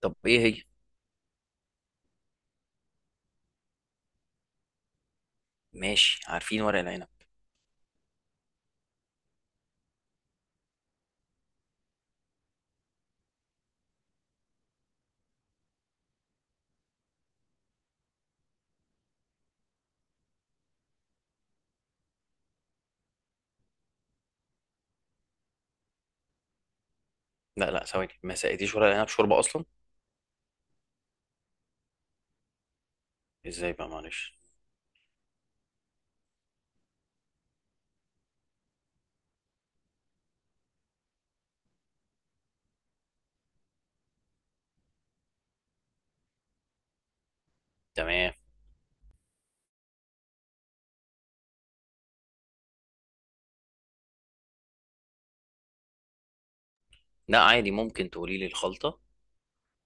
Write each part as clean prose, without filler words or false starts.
طب ايه هي؟ ماشي، عارفين ورق العنب. لا لا، ثواني، ما سقيتيش ورق العنب شوربه اصلا؟ ازاي بقى؟ معلش. تمام. لا عادي، ممكن تقولي لي الخلطه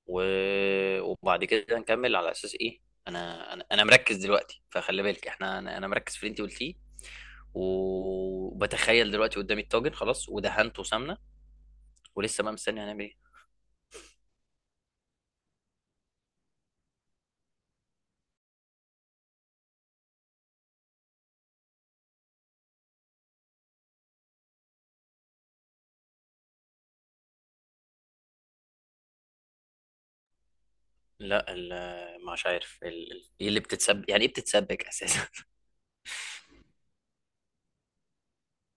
و... وبعد كده نكمل على اساس ايه. انا مركز دلوقتي، فخلي بالك احنا أنا مركز في اللي انت قلتيه، وبتخيل دلوقتي قدامي الطاجن خلاص ودهنته سمنه، ولسه بقى مستني هنعمل ايه. لا مش عارف ايه اللي بتتسبك، يعني ايه بتتسبك اساسا؟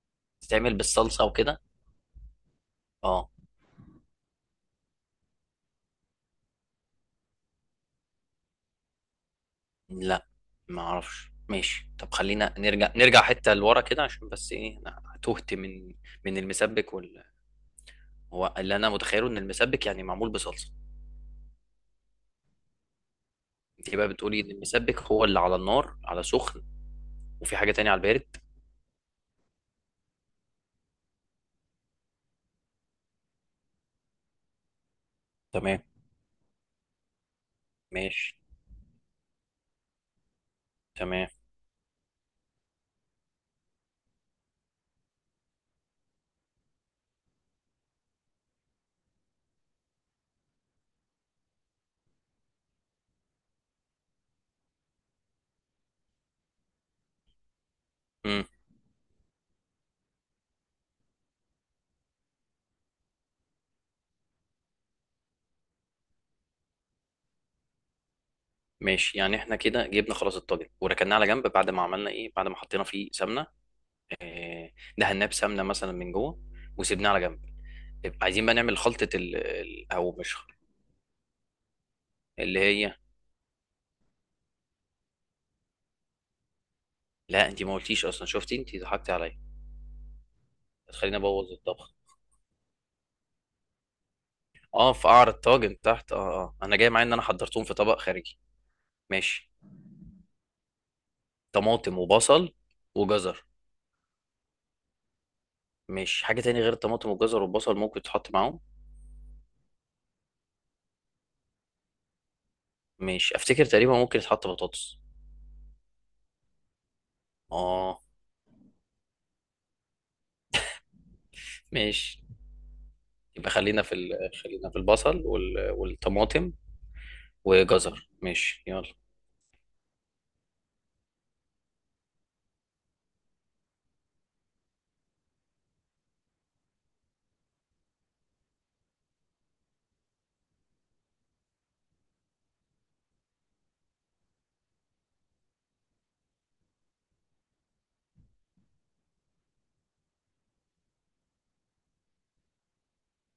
بتتعمل بالصلصه وكده؟ اه. لا ما اعرفش، ماشي، طب خلينا نرجع، نرجع حتة لورا كده عشان بس ايه، انا تهت من من المسبك هو اللي انا متخيله ان المسبك يعني معمول بصلصة. انت بقى بتقولي ان المسبك هو اللي على النار، على سخن، وفي حاجة تانية على البارد. تمام. ماشي، تمام. امم. ماشي، يعني احنا كده جبنا خلاص الطاجن وركناه على جنب بعد ما عملنا ايه، بعد ما حطينا فيه سمنة، آه، دهناه بسمنة مثلا من جوه وسيبناه على جنب. طيب، عايزين بقى نعمل خلطة او مش خلطة، اللي هي. لا انت ما قلتيش اصلا، شفتي انت ضحكتي عليا، هتخليني ابوظ الطبخ. اه، في قعر الطاجن تحت، اه اه، انا جاي معايا ان انا حضرتهم في طبق خارجي. ماشي، طماطم وبصل وجزر. ماشي، حاجه تاني غير الطماطم والجزر والبصل ممكن يتحط معاهم؟ ماشي، افتكر تقريبا ممكن يتحط بطاطس. اه. ماشي. يبقى خلينا في خلينا في البصل والطماطم وجزر. ماشي، يلا.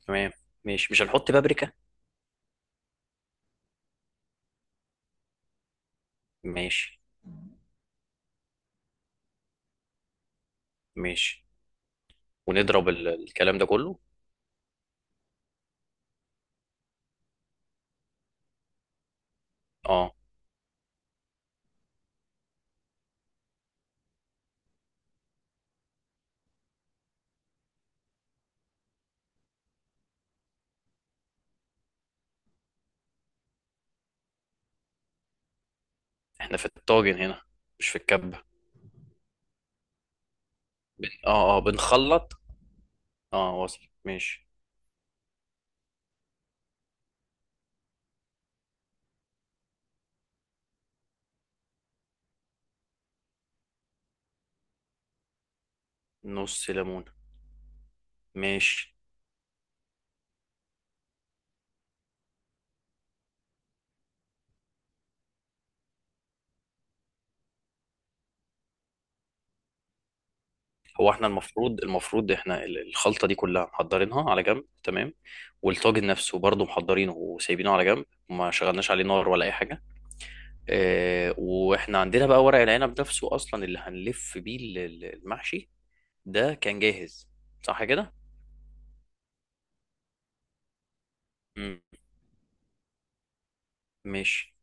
تمام. ماشي، مش هنحط بابريكا؟ ماشي. ماشي، ونضرب الكلام ده كله. اه. احنا في الطاجن هنا مش في الكبة؟ اه اه، بنخلط. اه، وصل، ماشي. نص ليمونة؟ ماشي. هو احنا المفروض، المفروض احنا الخلطة دي كلها محضرينها على جنب، تمام؟ والطاجن نفسه برضه محضرينه وسايبينه على جنب، وما شغلناش عليه نار ولا اي حاجة. اه، واحنا عندنا بقى ورق العنب نفسه اصلا اللي هنلف بيه المحشي، ده كان جاهز، صح كده؟ مم. ماشي.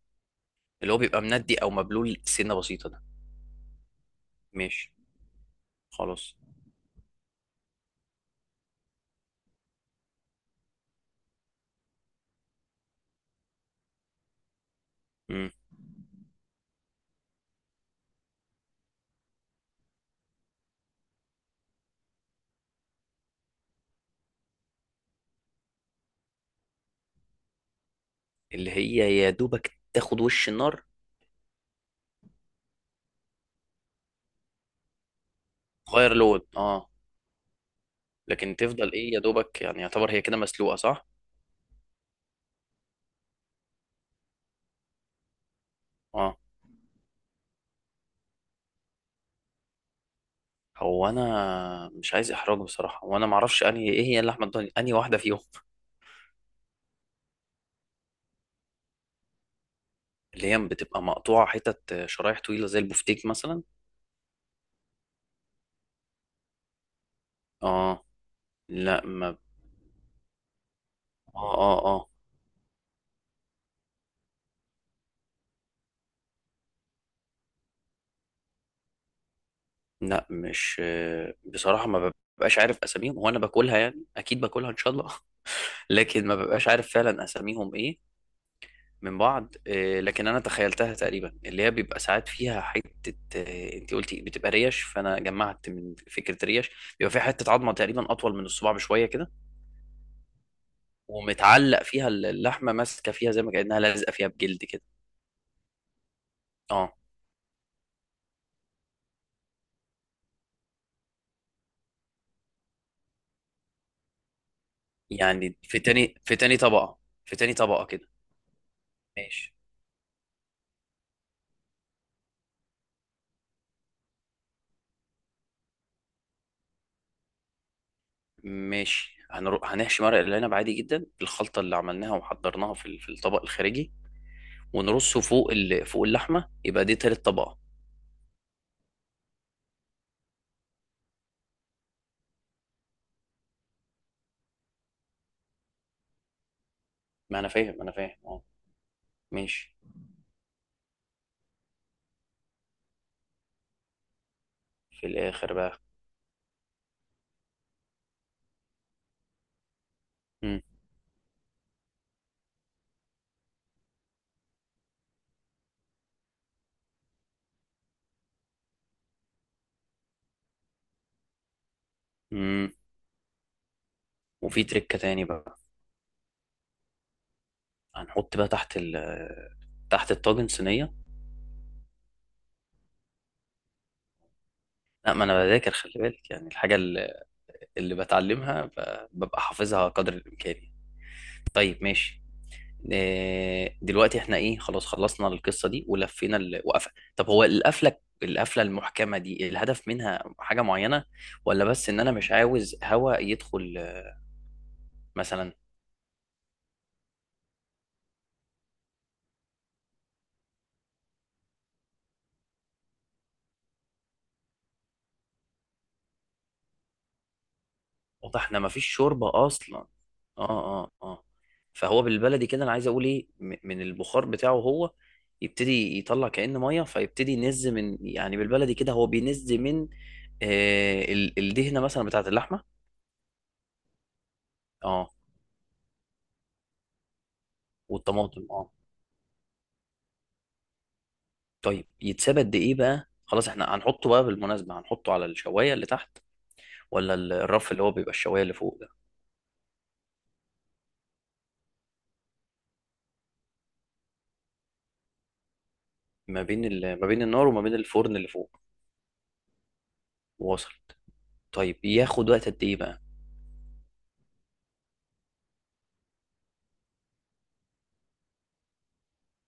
اللي هو بيبقى مندي او مبلول سنة بسيطة ده. ماشي. خلاص. اللي هي يا دوبك تاخد وش النار. تغير لون، اه. لكن تفضل ايه يا دوبك؟ يعني يعتبر هي كده مسلوقه، صح؟ اه. هو انا مش عايز احراج بصراحه، وانا ما اعرفش انهي ايه، هي اللحمه الضاني انهي واحده فيهم؟ اللي هي بتبقى مقطوعه حتت شرايح طويله زي البفتيك مثلا؟ اه. لا ما. اه اه اه. لا مش. بصراحه ما ببقاش عارف اساميهم، هو انا باكلها، يعني اكيد باكلها ان شاء الله. لكن ما ببقاش عارف فعلا اساميهم ايه من بعض، لكن انا تخيلتها تقريبا، اللي هي بيبقى ساعات فيها حته، انت قلتي بتبقى ريش، فانا جمعت من فكره ريش بيبقى فيها حته عظمه تقريبا اطول من الصباع بشويه كده، ومتعلق فيها اللحمه، ماسكه فيها زي ما كانها لازقه فيها بجلد كده. اه. يعني في تاني، في تاني طبقه كده؟ ماشي. ماشي، هنروح هنحشي ورق العنب عادي جدا بالخلطه اللي عملناها وحضرناها في في الطبق الخارجي، ونرصه فوق فوق اللحمه، يبقى دي تالت طبقه. ما انا فاهم، انا فاهم، اه. ماشي. في الاخر بقى. مم. مم. وفي تريكة تاني بقى. هنحط بقى تحت ال تحت الطاجن صينية. لا ما انا بذاكر، خلي بالك، يعني الحاجة اللي بتعلمها ببقى حافظها قدر الامكان يعني. طيب، ماشي. دلوقتي احنا ايه؟ خلاص خلصنا القصة دي ولفينا وقفة، طب هو القفلة، القفلة المحكمة دي الهدف منها حاجة معينة، ولا بس ان انا مش عاوز هوا يدخل مثلا؟ واضح، احنا مفيش شوربه اصلا. اه اه اه. فهو بالبلدي كده، انا عايز اقول ايه، من البخار بتاعه هو يبتدي يطلع كأن ميه، فيبتدي ينز من، يعني بالبلدي كده هو بينز من الدهنه مثلا بتاعت اللحمه. اه. والطماطم، اه. طيب يتساب قد ايه بقى؟ خلاص، احنا هنحطه بقى، بالمناسبه، هنحطه على الشوايه اللي تحت، ولا الرف اللي هو بيبقى الشوايه اللي فوق ده؟ ما بين ما بين النار وما بين الفرن اللي فوق. وصل. طيب ياخد وقت قد ايه بقى؟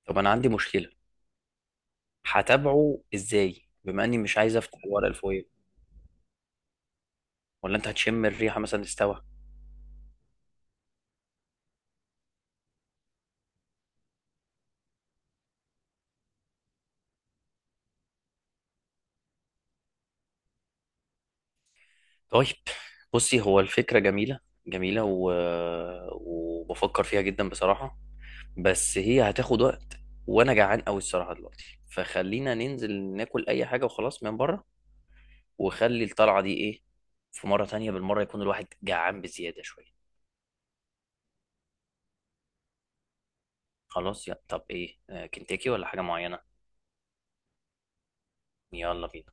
طب انا عندي مشكله. هتابعه ازاي بما اني مش عايز افتح الورق الفويل؟ ولا انت هتشم الريحه مثلا، استوى؟ طيب. بصي، هو الفكره جميله، جميله، وبفكر فيها جدا بصراحه، بس هي هتاخد وقت، وانا جعان قوي الصراحه دلوقتي، فخلينا ننزل ناكل اي حاجه وخلاص من بره، وخلي الطلعه دي ايه، في مره تانية، بالمره يكون الواحد جعان بزياده شويه. خلاص يا، طب ايه، كنتاكي ولا حاجه معينه؟ يلا بينا.